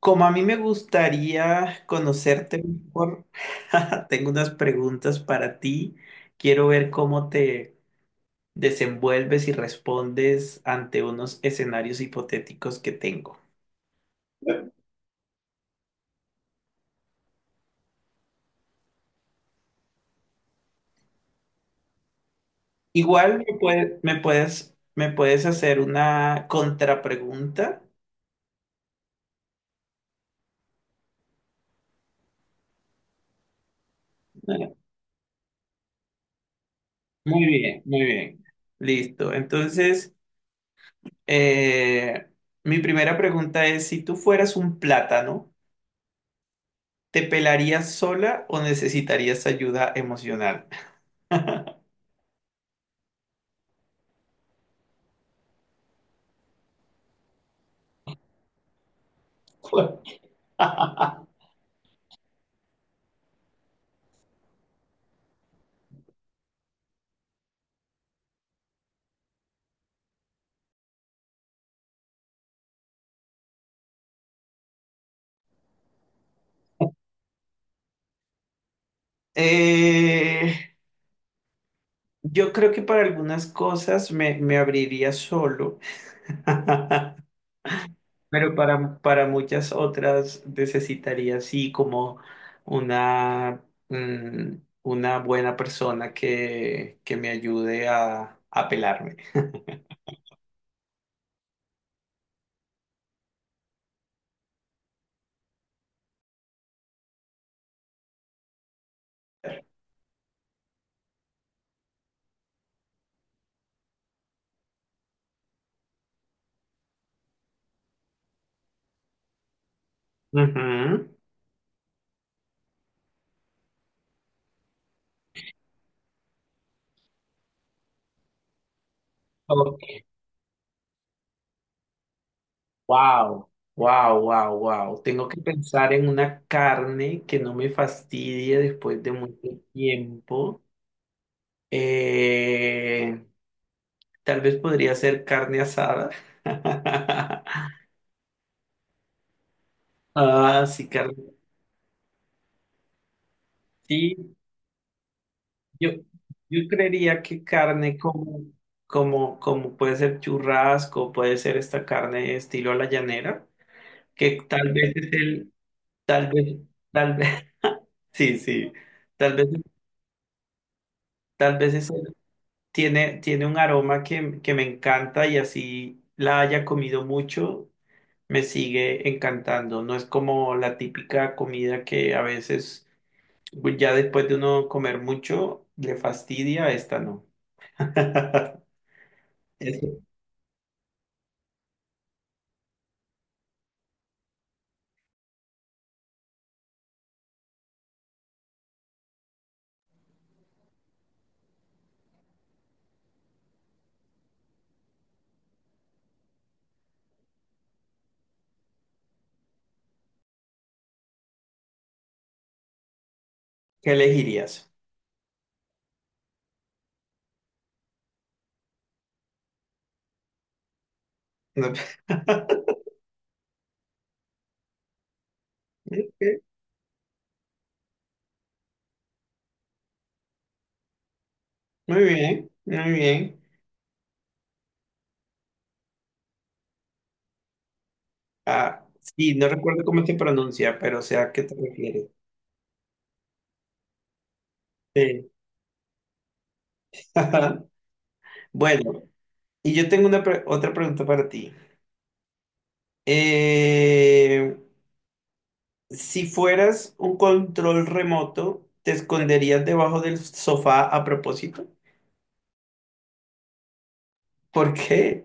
Como a mí me gustaría conocerte mejor, tengo unas preguntas para ti. Quiero ver cómo te desenvuelves y respondes ante unos escenarios hipotéticos que tengo. Igual me puede- me puedes hacer una contrapregunta. Bueno. Muy bien, muy bien. Listo. Entonces, eh, mi primera pregunta es, si tú fueras un plátano, ¿te pelarías sola o necesitarías ayuda emocional? Eh, yo creo que para algunas cosas me abriría solo, pero para muchas otras necesitaría sí como una, una buena persona que me ayude a pelarme. Ujú. Wow, wow, wow, wow. Tengo que pensar en una carne que no me fastidie después de mucho tiempo. Eh, tal vez podría ser carne asada. Ah, sí, carne. Sí, yo, yo creería que carne como, como, como puede ser churrasco, puede ser esta carne estilo a la llanera, que tal vez es el, tal vez, tal vez, sí, sí, tal vez, tal vez es el. Tiene un aroma que me encanta y así la haya comido mucho, me sigue encantando. No es como la típica comida que a veces pues, ya después de uno comer mucho le fastidia, esta no. Eso. ¿Qué elegirías? No. Muy bien, muy bien. Ah, sí, no recuerdo cómo se pronuncia, pero sé a qué te refieres. Sí. Bueno, y yo tengo una otra pregunta para ti. Eh, Si fueras un control remoto, ¿te esconderías debajo del sofá a propósito? ¿Por qué?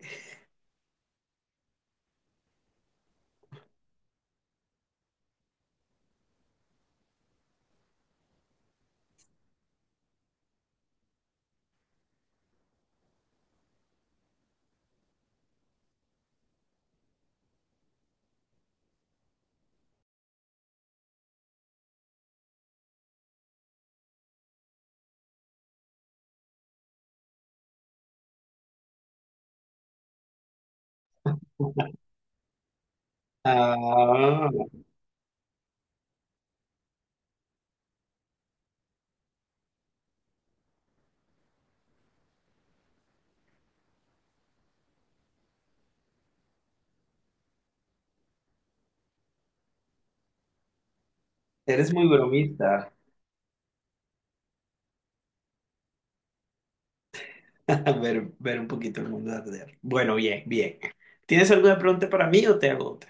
Ah, eres muy bromista. Ver, ver un poquito el mundo arder. Bueno, bien, bien. ¿Tienes alguna pregunta para mí o te hago otra?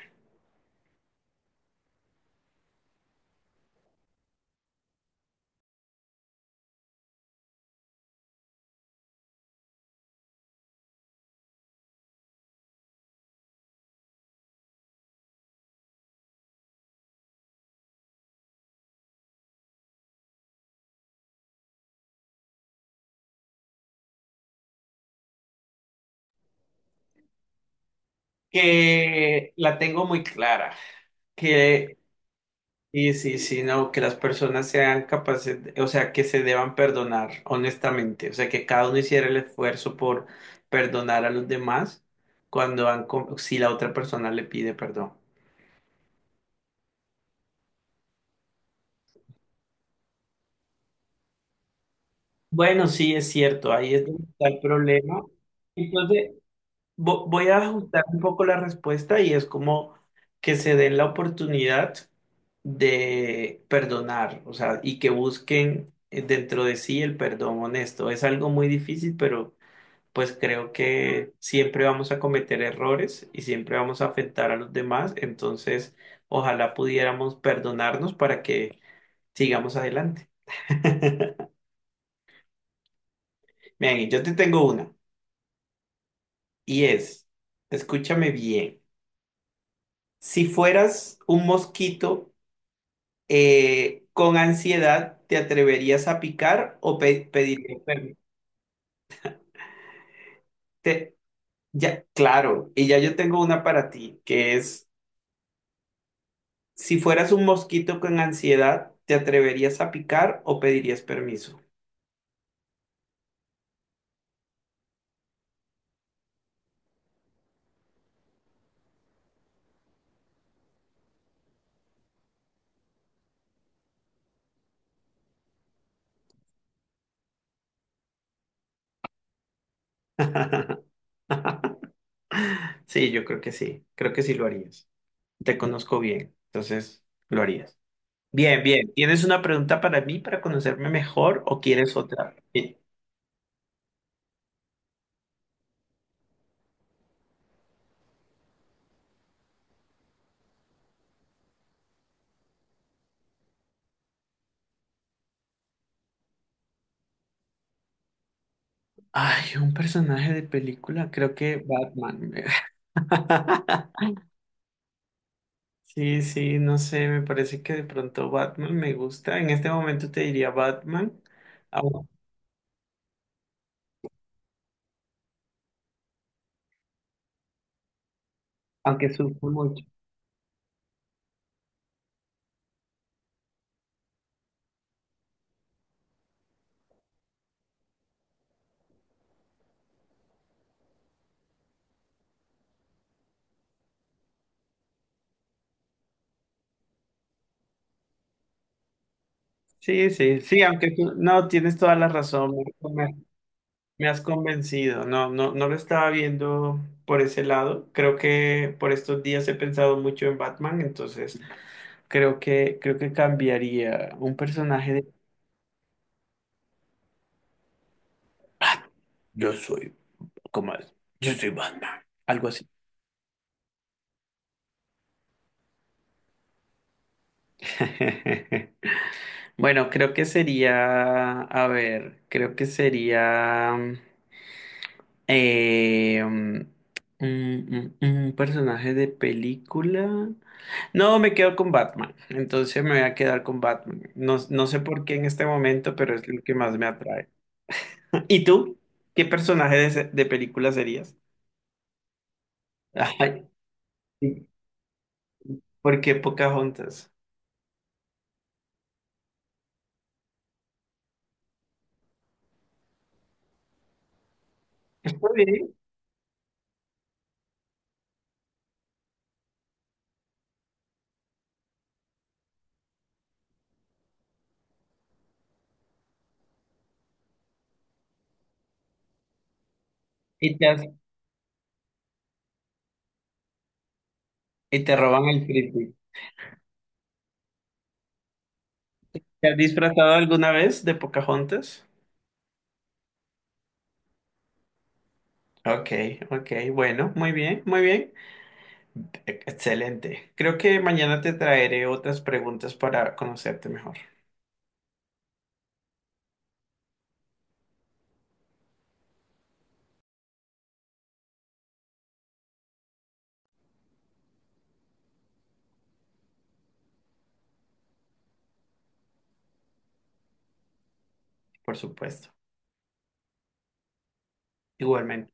Que la tengo muy clara. Que sí, sí, sí, no, que las personas sean capaces, o sea, que se deban perdonar honestamente, o sea, que cada uno hiciera el esfuerzo por perdonar a los demás cuando han, si la otra persona le pide perdón. Bueno, sí, es cierto, ahí es donde está el problema. Entonces, voy a ajustar un poco la respuesta y es como que se den la oportunidad de perdonar, o sea, y que busquen dentro de sí el perdón honesto. Es algo muy difícil, pero pues creo que siempre vamos a cometer errores y siempre vamos a afectar a los demás. Entonces, ojalá pudiéramos perdonarnos para que sigamos adelante. Bien, yo te tengo una y es, escúchame bien, si fueras un mosquito con ansiedad, ¿te atreverías a picar o pedirías permiso? Te- ya, claro, y ya yo tengo una para ti, que es: si fueras un mosquito con ansiedad, ¿te atreverías a picar o pedirías permiso? Sí, yo creo que sí lo harías. Te conozco bien, entonces lo harías. Bien, bien. ¿Tienes una pregunta para mí para conocerme mejor o quieres otra? Sí. Ay, un personaje de película, creo que Batman. Sí, sí, no sé, me parece que de pronto Batman me gusta. En este momento te diría Batman, au- aunque sufro mucho. Sí, sí, sí, aunque tú, no, tienes toda la razón, me has convencido, no, no, no lo estaba viendo por ese lado, creo que por estos días he pensado mucho en Batman, entonces creo que cambiaría un personaje de. "Ah, yo soy, ¿cómo es? Yo soy Batman", algo así. Bueno, creo que sería, a ver, creo que sería eh, mm, un personaje de película. No, me quedo con Batman. Entonces me voy a quedar con Batman. No, no sé por qué en este momento, pero es lo que más me atrae. ¿Y tú? ¿Qué personaje de, de película serías? Ay, sí. ¿Por qué Pocahontas? Está bien. Y te, y te roban el frisbee. ¿Te has disfrazado alguna vez de Pocahontas? Ok, ok, bueno, muy bien, muy bien. Excelente. Creo que mañana te traeré otras preguntas para conocerte mejor, por supuesto. Igualmente.